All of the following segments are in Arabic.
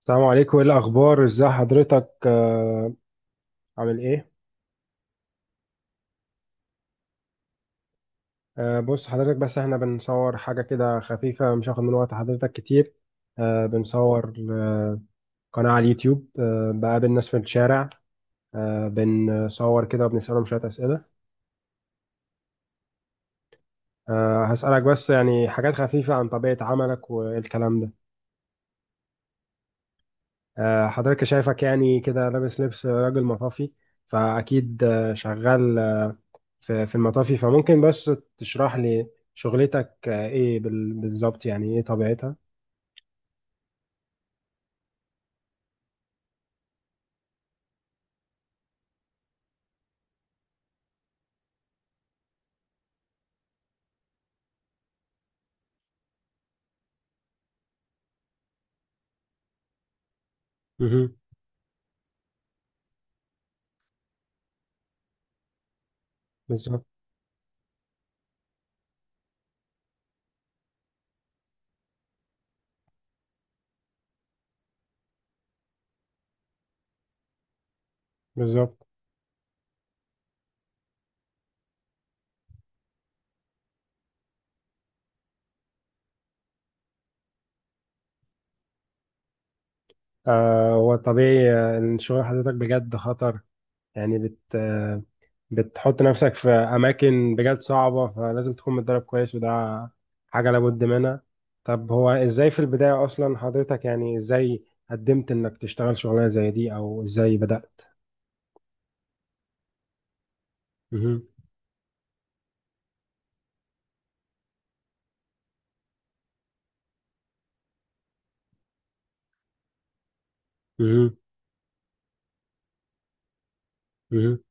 السلام عليكم، ايه الاخبار؟ ازاي حضرتك؟ عامل ايه؟ بص حضرتك، بس احنا بنصور حاجه كده خفيفه، مش هاخد من وقت حضرتك كتير. بنصور قناه على اليوتيوب، بقابل ناس في الشارع، بنصور كده وبنسالهم شويه اسئله. هسالك بس يعني حاجات خفيفه عن طبيعه عملك والكلام ده. حضرتك شايفك يعني كده لابس لبس راجل مطافي، فاكيد شغال في المطافي، فممكن بس تشرح لي شغلتك ايه بالظبط، يعني ايه طبيعتها؟ مهم. بالظبط بالظبط. آه هو طبيعي، ان شغل حضرتك بجد خطر، يعني بت آه، بتحط نفسك في اماكن بجد صعبة، فلازم تكون متدرب كويس، وده حاجة لابد منها. طب هو ازاي في البداية اصلا حضرتك يعني ازاي قدمت انك تشتغل شغلانة زي دي، او ازاي بدأت؟ مهم. مهم. مهم.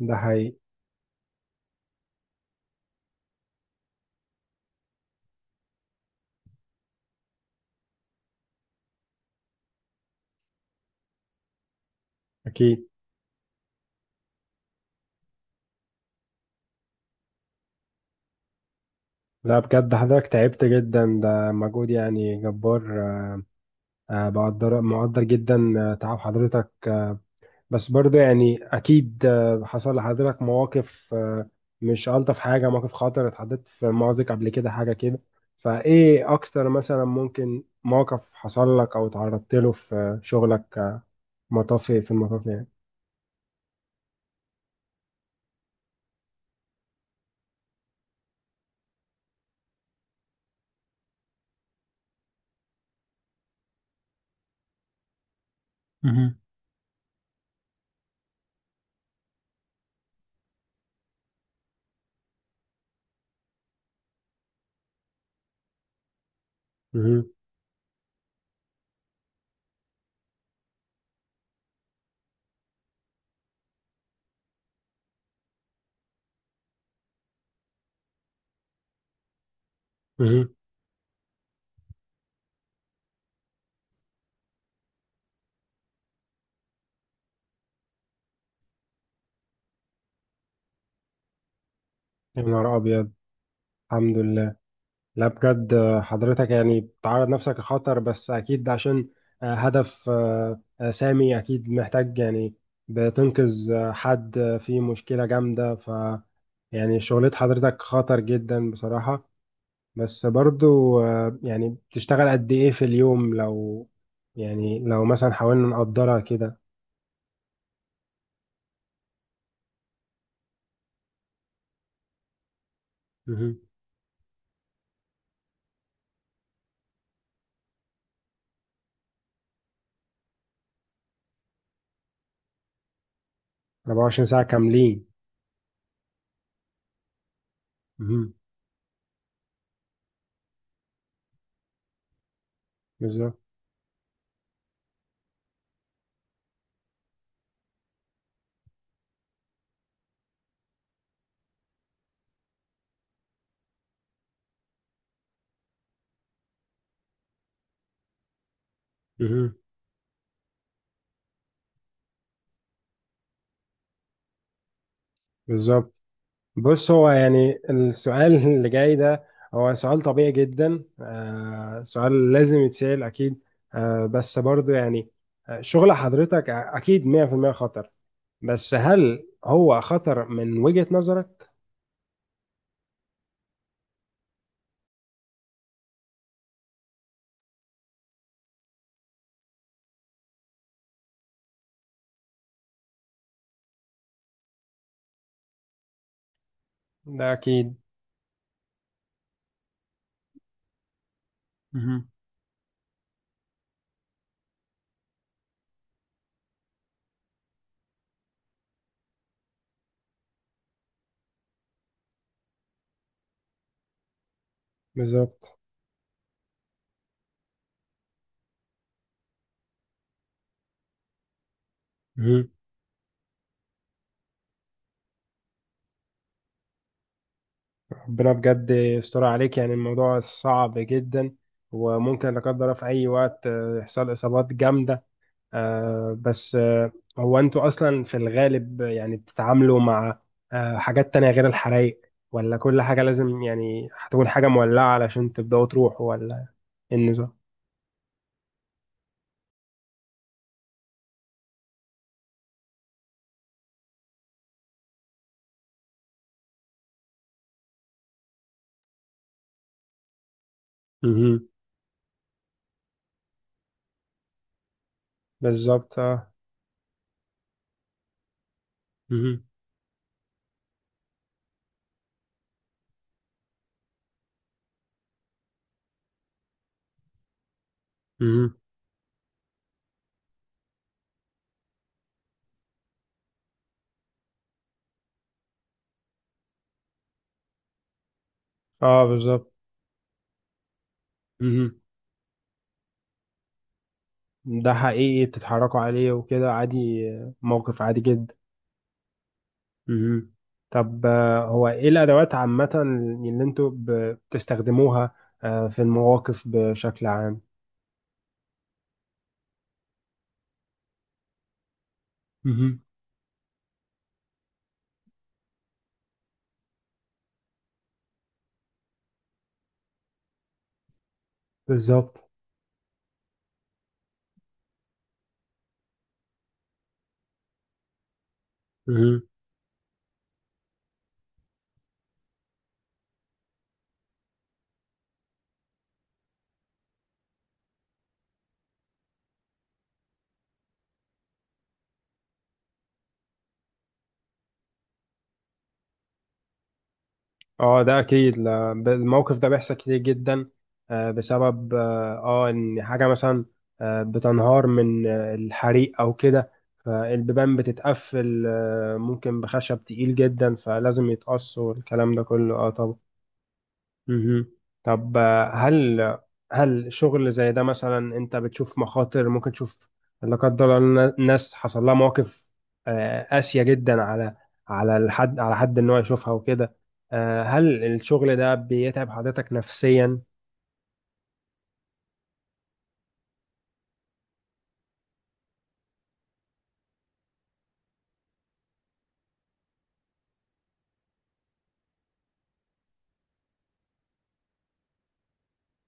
ده حقيقي. اكيد. لا بجد حضرتك تعبت جدا، ده مجهود يعني جبار. بقدر مقدر جدا تعب حضرتك، بس برضه يعني أكيد حصل لحضرتك مواقف مش ألطف حاجة، مواقف خطر، اتحطيت في مأزق قبل كده، حاجة كده. فإيه أكتر مثلا ممكن موقف حصل لك أو تعرضت له في شغلك مطافي، في المطافي يعني؟ مهم. مهم. مهم. يا نهار أبيض. الحمد لله. لا بجد حضرتك يعني بتعرض نفسك لخطر، بس أكيد عشان هدف سامي، أكيد محتاج يعني بتنقذ حد في مشكلة جامدة، يعني شغلة حضرتك خطر جدا بصراحة. بس برضو يعني بتشتغل قد إيه في اليوم، لو يعني لو مثلا حاولنا نقدرها كده؟ مهم. 24 ساعة كاملين؟ مهم. بالظبط. مهم. بالظبط. بص هو يعني السؤال اللي جاي ده، هو سؤال طبيعي جدا، سؤال لازم يتسأل أكيد. آه بس برضو يعني شغل حضرتك أكيد 100% خطر، بس هل هو خطر من وجهة نظرك؟ ده أكيد. مهم. بالظبط. مهم. ربنا بجد يستر عليك، يعني الموضوع صعب جدا، وممكن لا قدر الله في أي وقت يحصل إصابات جامدة. آه بس هو انتوا اصلا في الغالب يعني بتتعاملوا مع حاجات تانية غير الحرايق، ولا كل حاجة لازم يعني هتكون حاجة مولعة علشان تبدأوا تروحوا، ولا إيه النظام؟ مهم. بالظبط. اه. مهم. مهم. اه بالظبط. مهم. ده حقيقي بتتحركوا عليه وكده عادي، موقف عادي جدا. مهم. طب هو ايه الادوات عامة اللي انتوا بتستخدموها في المواقف بشكل عام؟ مهم. بالظبط. مهم. اه ده اكيد. الموقف ده بيحصل كتير جدا، بسبب ان حاجه مثلا بتنهار من الحريق او كده، فالبيبان بتتقفل، ممكن بخشب تقيل جدا، فلازم يتقص، والكلام ده كله اه طبعا. مهم. طب هل شغل زي ده مثلا، انت بتشوف مخاطر، ممكن تشوف لا قدر الله ناس حصل لها مواقف قاسية جدا على الحد، على حد ان هو يشوفها وكده؟ هل الشغل ده بيتعب حضرتك نفسيا؟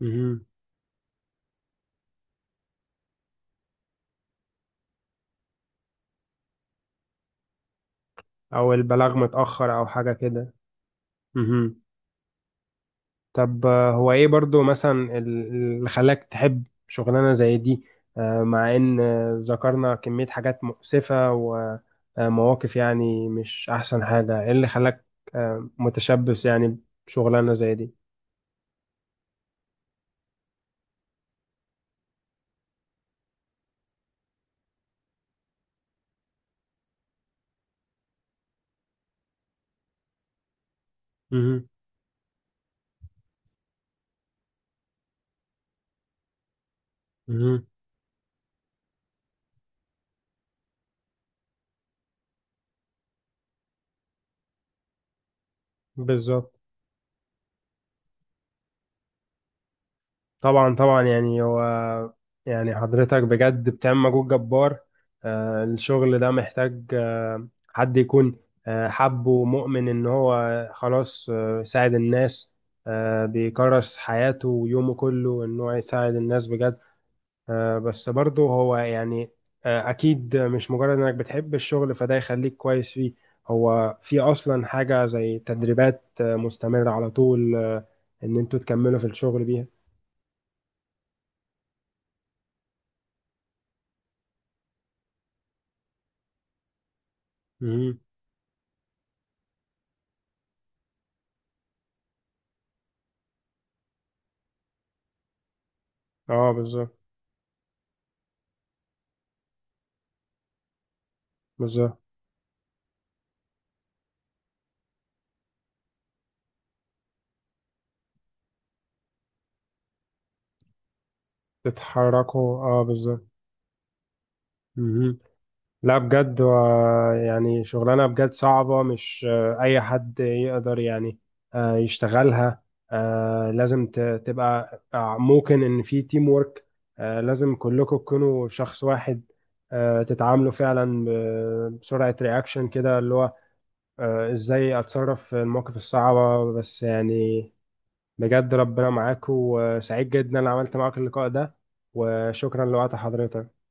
مهم. او البلاغ متأخر او حاجة كده. مهم. طب هو ايه برضو مثلا اللي خلاك تحب شغلانة زي دي، مع ان ذكرنا كمية حاجات مؤسفة ومواقف يعني مش احسن حاجة، ايه اللي خلاك متشبث يعني بشغلانة زي دي؟ مهم. مهم. بالظبط. طبعا طبعا، يعني هو يعني حضرتك بجد بتعمل مجهود جبار. الشغل ده محتاج حد يكون حب ومؤمن ان هو خلاص يساعد الناس، بيكرس حياته ويومه كله ان هو يساعد الناس بجد. بس برضه هو يعني اكيد مش مجرد انك بتحب الشغل فده يخليك كويس فيه. هو في اصلا حاجة زي تدريبات مستمرة على طول ان انتوا تكملوا في الشغل بيها؟ مهم. اه بالظبط بالظبط، تتحركوا اه بالظبط. مهم. لا بجد يعني شغلانة بجد صعبة، مش أي حد يقدر يعني يشتغلها، لازم تبقى، ممكن إن في تيم وورك، لازم كلكم تكونوا شخص واحد، تتعاملوا فعلا بسرعة رياكشن كده اللي هو إزاي أتصرف في المواقف الصعبة، بس يعني. بجد ربنا معاك، وسعيد جدا ان عملت معاك اللقاء ده، وشكرا لوقت حضرتك.